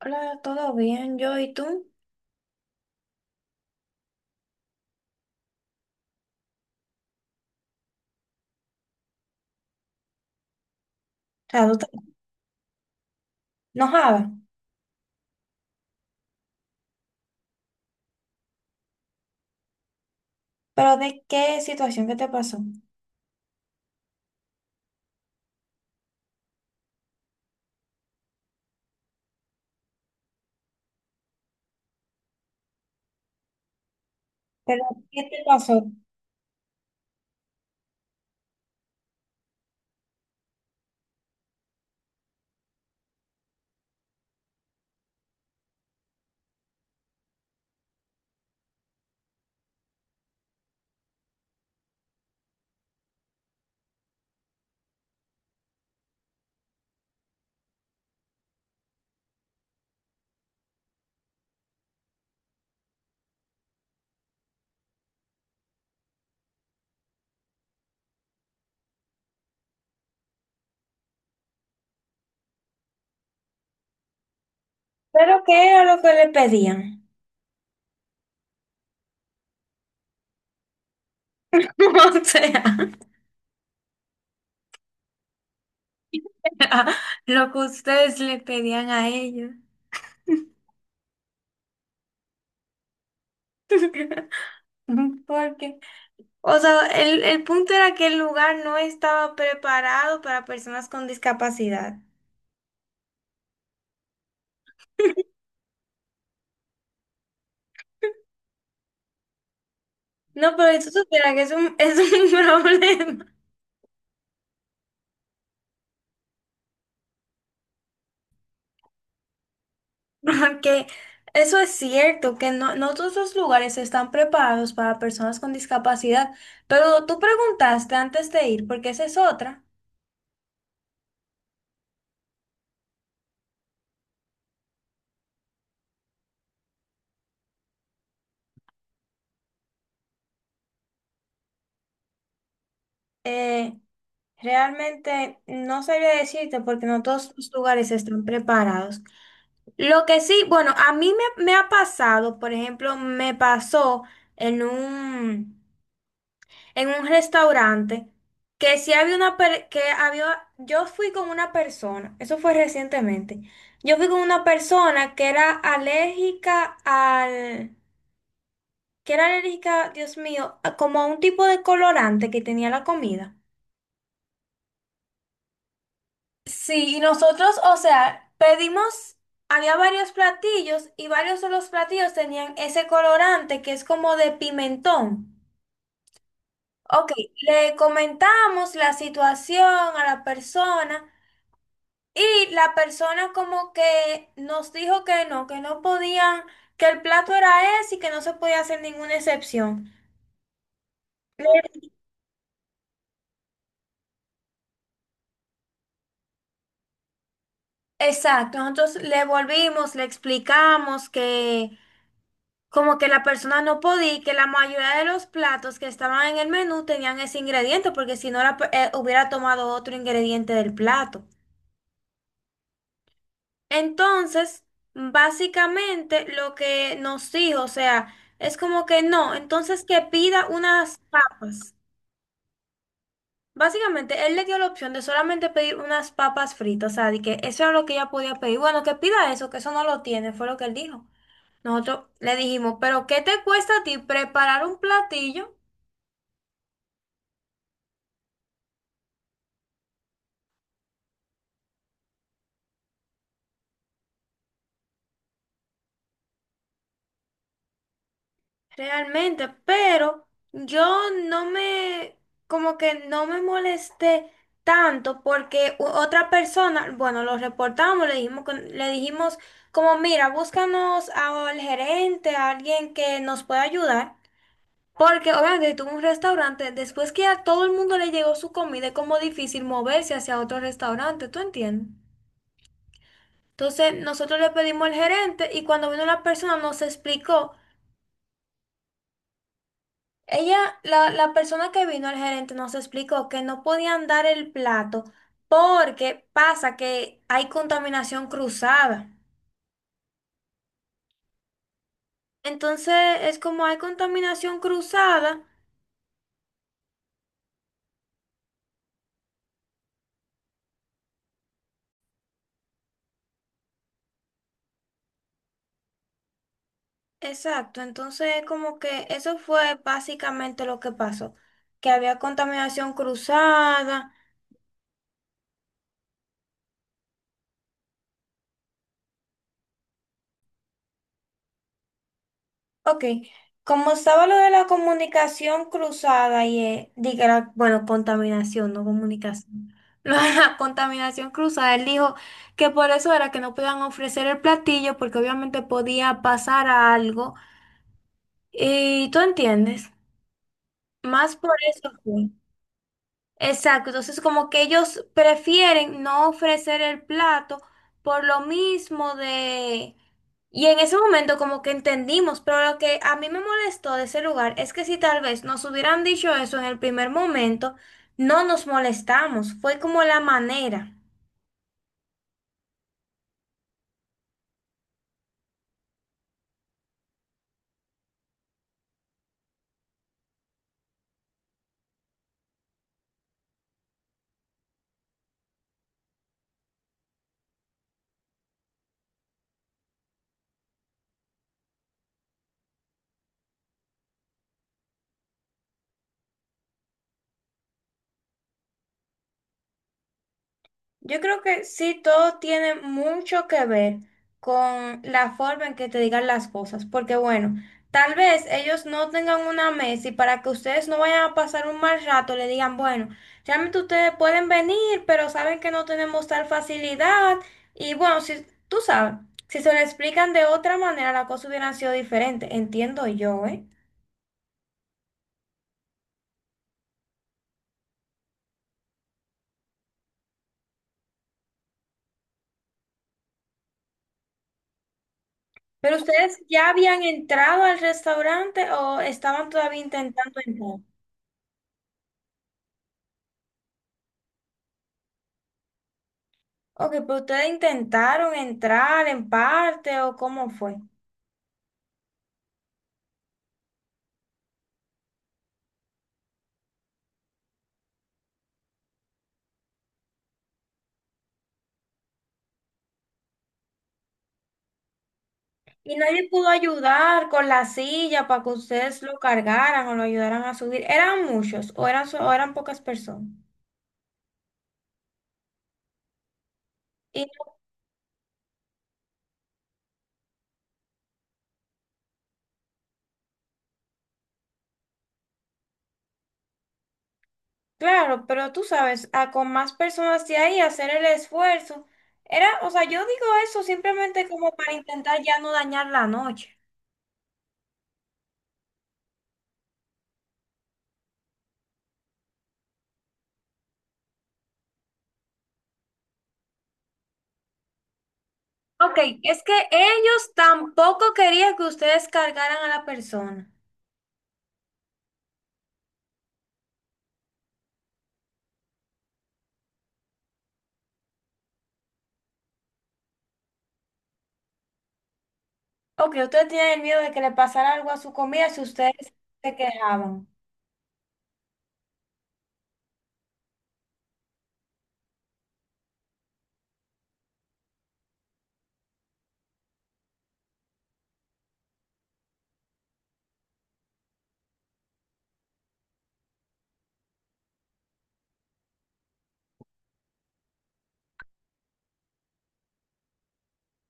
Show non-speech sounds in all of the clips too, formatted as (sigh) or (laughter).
Hola, ¿todo bien? Yo y tú. O sea, tú te enojada. ¿Pero de qué situación? ¿Qué te pasó? ¿Pero qué te pasó? ¿Pero qué era lo que le pedían? (laughs) O sea, (laughs) lo que ustedes le pedían a ellos. (laughs) Porque, o sea, el punto era que el lugar no estaba preparado para personas con discapacidad. (laughs) No, pero si tú supieras que es un (laughs) problema. (laughs) Ajá, que eso es cierto, que no, no todos los lugares están preparados para personas con discapacidad, pero tú preguntaste antes de ir, porque esa es otra. Eh, Realmente no sabría decirte porque no todos los lugares están preparados. Lo que sí, bueno, a mí me ha pasado, por ejemplo, me pasó en un... en un restaurante que sí había una per- que había yo fui con una persona, eso fue recientemente. Yo fui con una persona que era alérgica al que era alérgica, Dios mío, a- como a un tipo de colorante que tenía la comida. Sí, y nosotros, o sea, pedimos. Había varios platillos y varios de los platillos tenían ese colorante que es como de pimentón. Ok, le comentamos la situación a la persona. Y la persona como que nos dijo que no podían, que el plato era ese y que no se podía hacer ninguna excepción. Le- exacto, nosotros le volvimos, le explicamos que como que la persona no podía y que la mayoría de los platos que estaban en el menú tenían ese ingrediente, porque si no la pe- hubiera tomado otro ingrediente del plato. Entonces, básicamente lo que nos dijo, o sea, es como que no, entonces que pida unas papas. Básicamente, él le dio la opción de solamente pedir unas papas fritas, o sea, de que eso era lo que ella podía pedir. Bueno, que pida eso, que eso no lo tiene, fue lo que él dijo. Nosotros le dijimos, pero ¿qué te cuesta a ti preparar un platillo? Realmente, pero yo no me, como que no me molesté tanto porque u- otra persona, bueno, lo reportamos, le dijimos, con- le dijimos como, mira, búscanos al gerente, a alguien que nos pueda ayudar. Porque obviamente si tuvo un restaurante, después que a todo el mundo le llegó su comida, es como difícil moverse hacia otro restaurante, ¿tú entiendes? Entonces nosotros le pedimos al gerente y cuando vino la persona nos explicó, ella, la persona que vino al gerente nos explicó que no podían dar el plato porque pasa que hay contaminación cruzada. Entonces es como hay contaminación cruzada. Exacto, entonces como que eso fue básicamente lo que pasó, que había contaminación cruzada. Ok, como estaba lo de la comunicación cruzada y, diga, la- bueno, contaminación, no comunicación. (laughs) Lo de la contaminación cruzada, él dijo que por eso era que no podían ofrecer el platillo porque obviamente podía pasar algo. Y tú entiendes, más por eso fue. Exacto, entonces como que ellos prefieren no ofrecer el plato por lo mismo de... Y en ese momento como que entendimos, pero lo que a mí me molestó de ese lugar es que si tal vez nos hubieran dicho eso en el primer momento, no nos molestamos, fue como la manera. Yo creo que sí, todo tiene mucho que ver con la forma en que te digan las cosas, porque bueno, tal vez ellos no tengan una mesa y para que ustedes no vayan a pasar un mal rato, le digan, bueno, realmente ustedes pueden venir, pero saben que no tenemos tal facilidad y bueno, si tú sabes, si se lo explican de otra manera, la cosa hubiera sido diferente, entiendo yo, ¿eh? Pero ustedes ya habían entrado al restaurante o estaban todavía intentando entrar. Ok, pero ustedes intentaron entrar en parte o cómo fue. Y nadie pudo ayudar con la silla para que ustedes lo cargaran o lo ayudaran a subir. ¿Eran muchos o eran, so- o eran pocas personas? Y claro, pero tú sabes, a con más personas de ahí hacer el esfuerzo. Era, o sea, yo digo eso simplemente como para intentar ya no dañar la noche. Ok, es que ellos tampoco querían que ustedes cargaran a la persona. Ok, ustedes tienen miedo de que le pasara algo a su comida si ustedes se quejaban.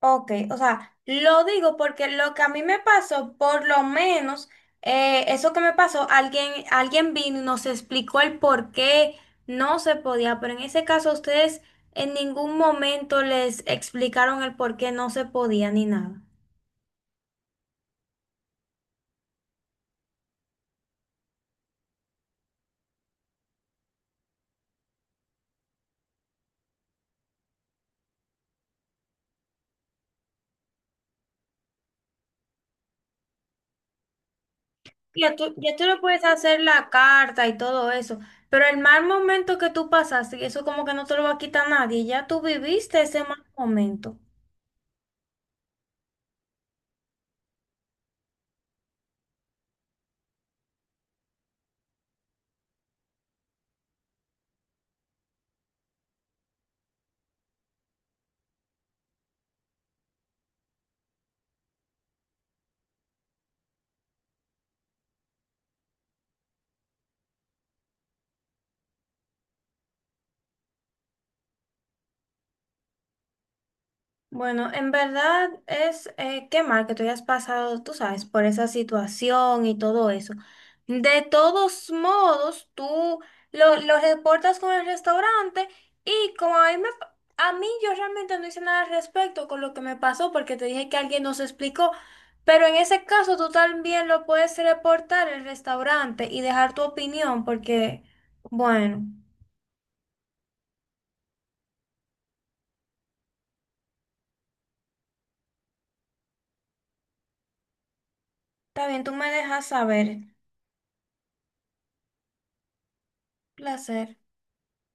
Ok, o sea, lo digo porque lo que a mí me pasó, por lo menos, eso que me pasó, alguien vino y nos explicó el por qué no se podía, pero en ese caso ustedes en ningún momento les explicaron el por qué no se podía ni nada. Ya tú le puedes hacer la carta y todo eso, pero el mal momento que tú pasaste, eso como que no te lo va a quitar nadie, ya tú viviste ese mal momento. Bueno, en verdad es qué mal que tú hayas pasado, tú sabes, por esa situación y todo eso. De todos modos, tú lo reportas con el restaurante y como a mí, me pa- a mí yo realmente no hice nada al respecto con lo que me pasó porque te dije que alguien nos explicó, pero en ese caso tú también lo puedes reportar el restaurante y dejar tu opinión porque, bueno, está bien, tú me dejas saber. Placer.